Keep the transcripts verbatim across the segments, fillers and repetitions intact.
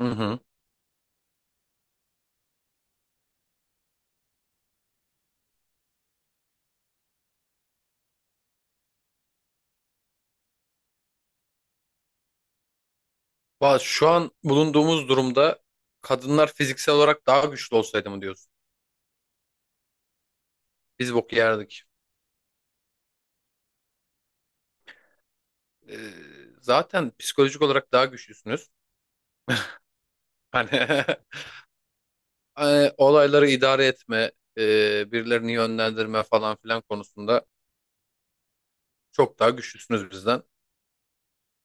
Hı hı. Valla şu an bulunduğumuz durumda kadınlar fiziksel olarak daha güçlü olsaydı mı diyorsun? Biz bok yerdik. Ee, Zaten psikolojik olarak daha güçlüsünüz. Hani e, olayları idare etme, e, birilerini yönlendirme falan filan konusunda çok daha güçlüsünüz bizden.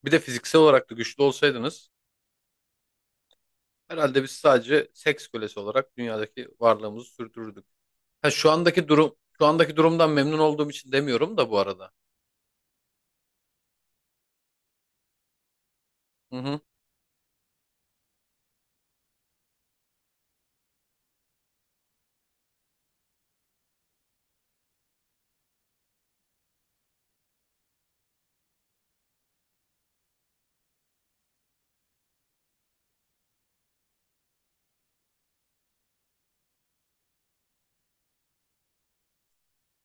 Bir de fiziksel olarak da güçlü olsaydınız herhalde biz sadece seks kölesi olarak dünyadaki varlığımızı sürdürürdük. Ha, şu andaki durum şu andaki durumdan memnun olduğum için demiyorum da bu arada. Hı hı.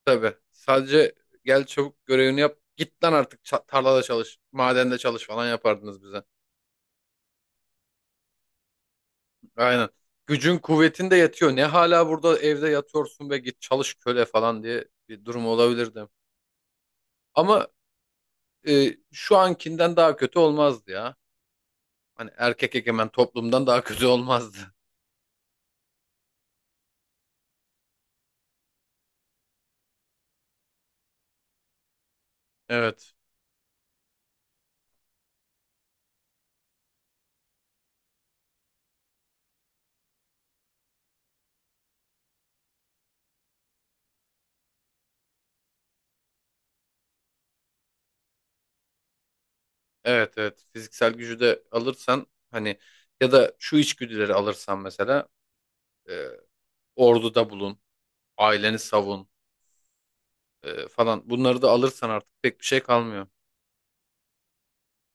Tabii. Sadece gel çabuk görevini yap. Git lan artık ça- tarlada çalış. Madende çalış falan yapardınız bize. Aynen. Gücün kuvvetin de yetiyor. Ne hala burada evde yatıyorsun ve git çalış köle falan diye bir durum olabilirdi. Ama e, şu ankinden daha kötü olmazdı ya. Hani erkek egemen toplumdan daha kötü olmazdı. Evet. Evet evet. Fiziksel gücü de alırsan hani ya da şu içgüdüleri alırsan mesela e, orduda bulun. Aileni savun. E, falan. Bunları da alırsan artık pek bir şey kalmıyor.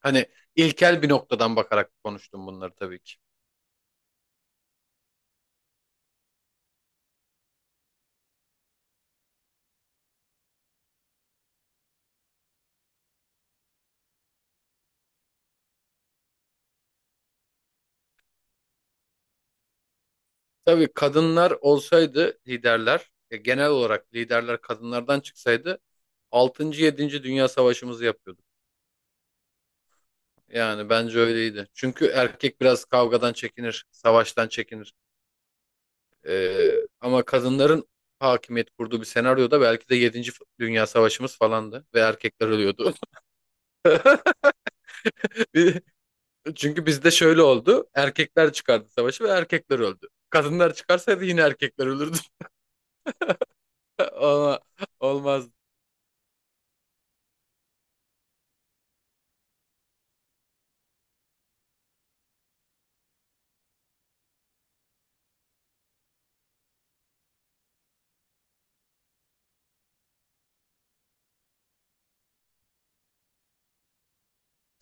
Hani ilkel bir noktadan bakarak konuştum bunları tabii ki. Tabii kadınlar olsaydı liderler, e, genel olarak liderler kadınlardan çıksaydı altıncı yedinci Dünya Savaşımızı yapıyorduk. Yani bence öyleydi. Çünkü erkek biraz kavgadan çekinir, savaştan çekinir. E, Ama kadınların hakimiyet kurduğu bir senaryoda belki de yedinci Dünya Savaşımız falandı ve erkekler ölüyordu. Bir, Çünkü bizde şöyle oldu. Erkekler çıkardı savaşı ve erkekler öldü. Kadınlar çıkarsaydı yine erkekler ölürdü. Ama olmaz.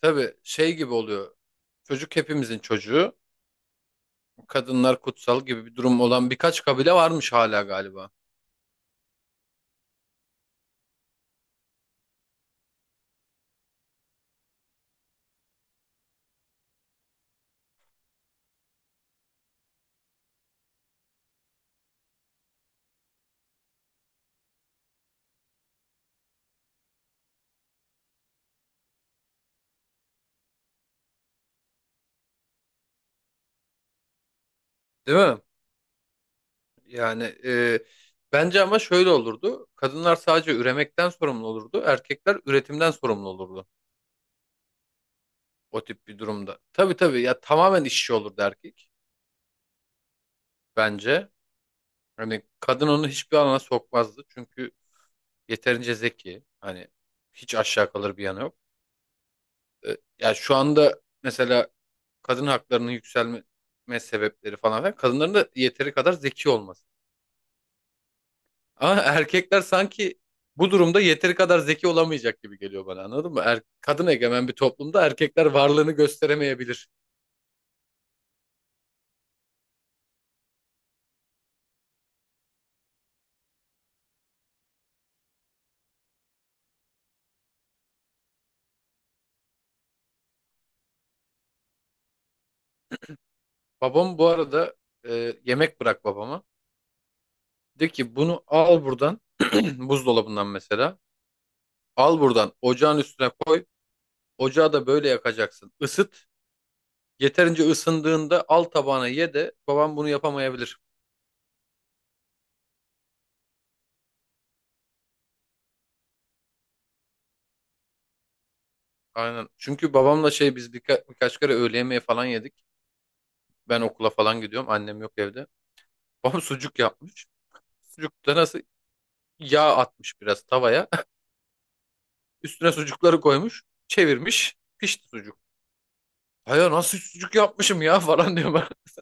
Tabii şey gibi oluyor. Çocuk hepimizin çocuğu. Kadınlar kutsal gibi bir durum olan birkaç kabile varmış hala galiba. Değil mi? Yani e, bence ama şöyle olurdu. Kadınlar sadece üremekten sorumlu olurdu. Erkekler üretimden sorumlu olurdu. O tip bir durumda. Tabii tabii ya tamamen işçi olurdu erkek bence. Hani kadın onu hiçbir alana sokmazdı. Çünkü yeterince zeki. Hani hiç aşağı kalır bir yanı yok. E, ya şu anda mesela kadın haklarının yükselme sebepleri falan filan kadınların da yeteri kadar zeki olması. Ama erkekler sanki bu durumda yeteri kadar zeki olamayacak gibi geliyor bana anladın mı? Er, kadın egemen bir toplumda erkekler varlığını gösteremeyebilir. Babam bu arada e, yemek bırak babama. De ki bunu al buradan buzdolabından mesela. Al buradan ocağın üstüne koy. Ocağı da böyle yakacaksın. Isıt. Yeterince ısındığında al tabağına ye de babam bunu yapamayabilir. Aynen. Çünkü babamla şey biz birka- birkaç kere öğle yemeği falan yedik. Ben okula falan gidiyorum. Annem yok evde. Babam sucuk yapmış. Sucukta nasıl yağ atmış biraz tavaya. Üstüne sucukları koymuş. Çevirmiş. Pişti sucuk. Hayır nasıl sucuk yapmışım ya falan diyor bana.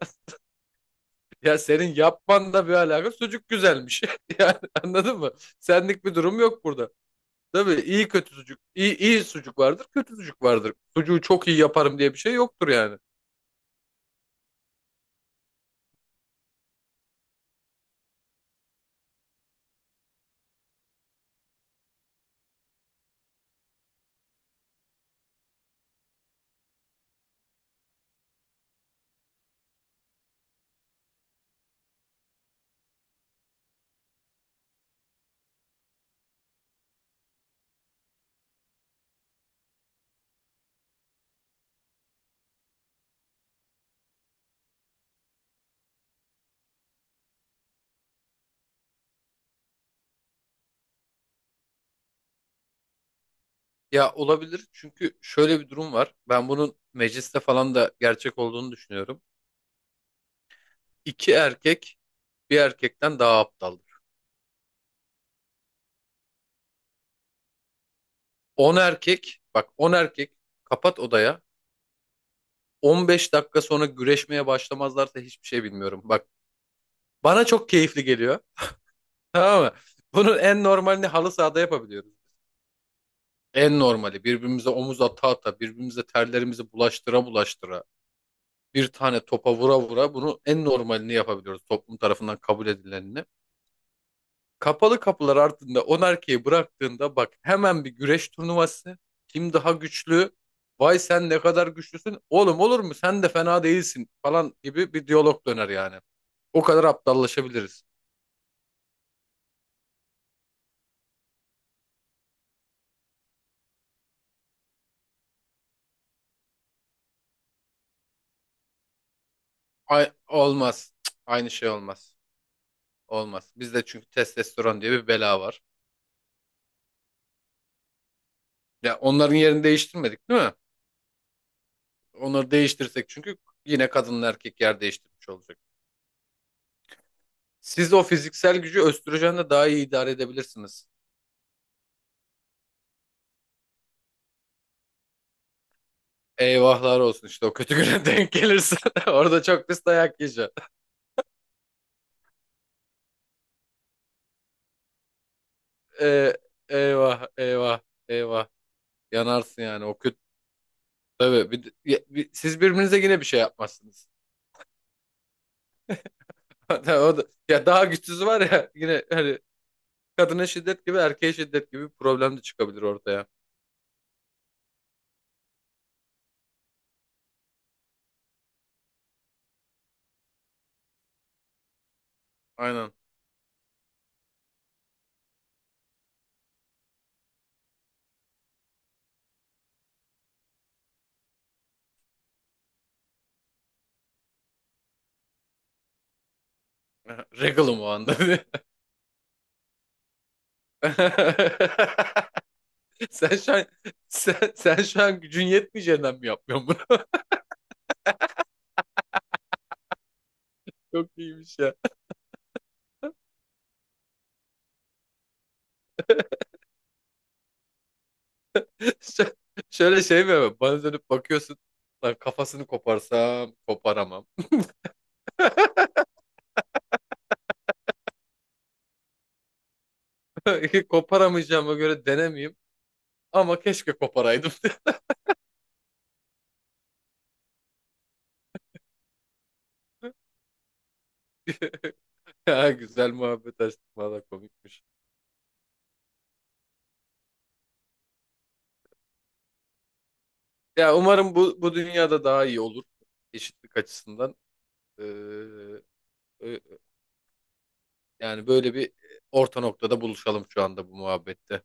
Ya senin yapman da bir alaka. Sucuk güzelmiş. Yani anladın mı? Senlik bir durum yok burada. Tabii iyi kötü sucuk, iyi, iyi sucuk vardır, kötü sucuk vardır. Sucuğu çok iyi yaparım diye bir şey yoktur yani. Ya olabilir çünkü şöyle bir durum var. Ben bunun mecliste falan da gerçek olduğunu düşünüyorum. İki erkek bir erkekten daha aptaldır. On erkek, bak on erkek kapat odaya. On beş dakika sonra güreşmeye başlamazlarsa hiçbir şey bilmiyorum. Bak bana çok keyifli geliyor. Tamam mı? Bunun en normalini halı sahada yapabiliyoruz. En normali birbirimize omuz ata ata, birbirimize terlerimizi bulaştıra bulaştıra, bir tane topa vura vura bunu en normalini yapabiliyoruz. Toplum tarafından kabul edilenini. Kapalı kapılar ardında on erkeği bıraktığında bak hemen bir güreş turnuvası. Kim daha güçlü? Vay sen ne kadar güçlüsün. Oğlum olur mu? Sen de fena değilsin falan gibi bir diyalog döner yani. O kadar aptallaşabiliriz. Ay, olmaz. Cık, aynı şey olmaz. Olmaz. Bizde çünkü testosteron diye bir bela var. Ya onların yerini değiştirmedik değil mi? Onları değiştirsek çünkü yine kadınla erkek yer değiştirmiş olacak. Siz o fiziksel gücü östrojenle daha iyi idare edebilirsiniz. Eyvahlar olsun işte o kötü güne denk gelirse orada çok pis dayak yiyeceksin. Ee, Eyvah eyvah eyvah yanarsın yani o kötü. Tabii bir, ya- bir- siz birbirinize yine bir şey yapmazsınız. Hatta o da, ya daha güçsüz var ya yine hani kadına şiddet gibi erkeğe şiddet gibi bir problem de çıkabilir ortaya. Aynen. Regalım o anda. Sen şu an sen, sen şu an gücün yetmeyeceğinden mi yapıyorsun? Çok iyiymiş ya. Şö- Şöyle şey mi? Yapayım? Bana dönüp bakıyorsun. Lan kafasını koparsam koparamam. Koparamayacağıma göre denemeyeyim. Ama keşke koparaydım. Ya güzel muhabbet açtık. Valla komikmiş. Ya umarım bu, bu dünyada daha iyi olur. Eşitlik açısından. Ee, e, Yani böyle bir orta noktada buluşalım şu anda bu muhabbette.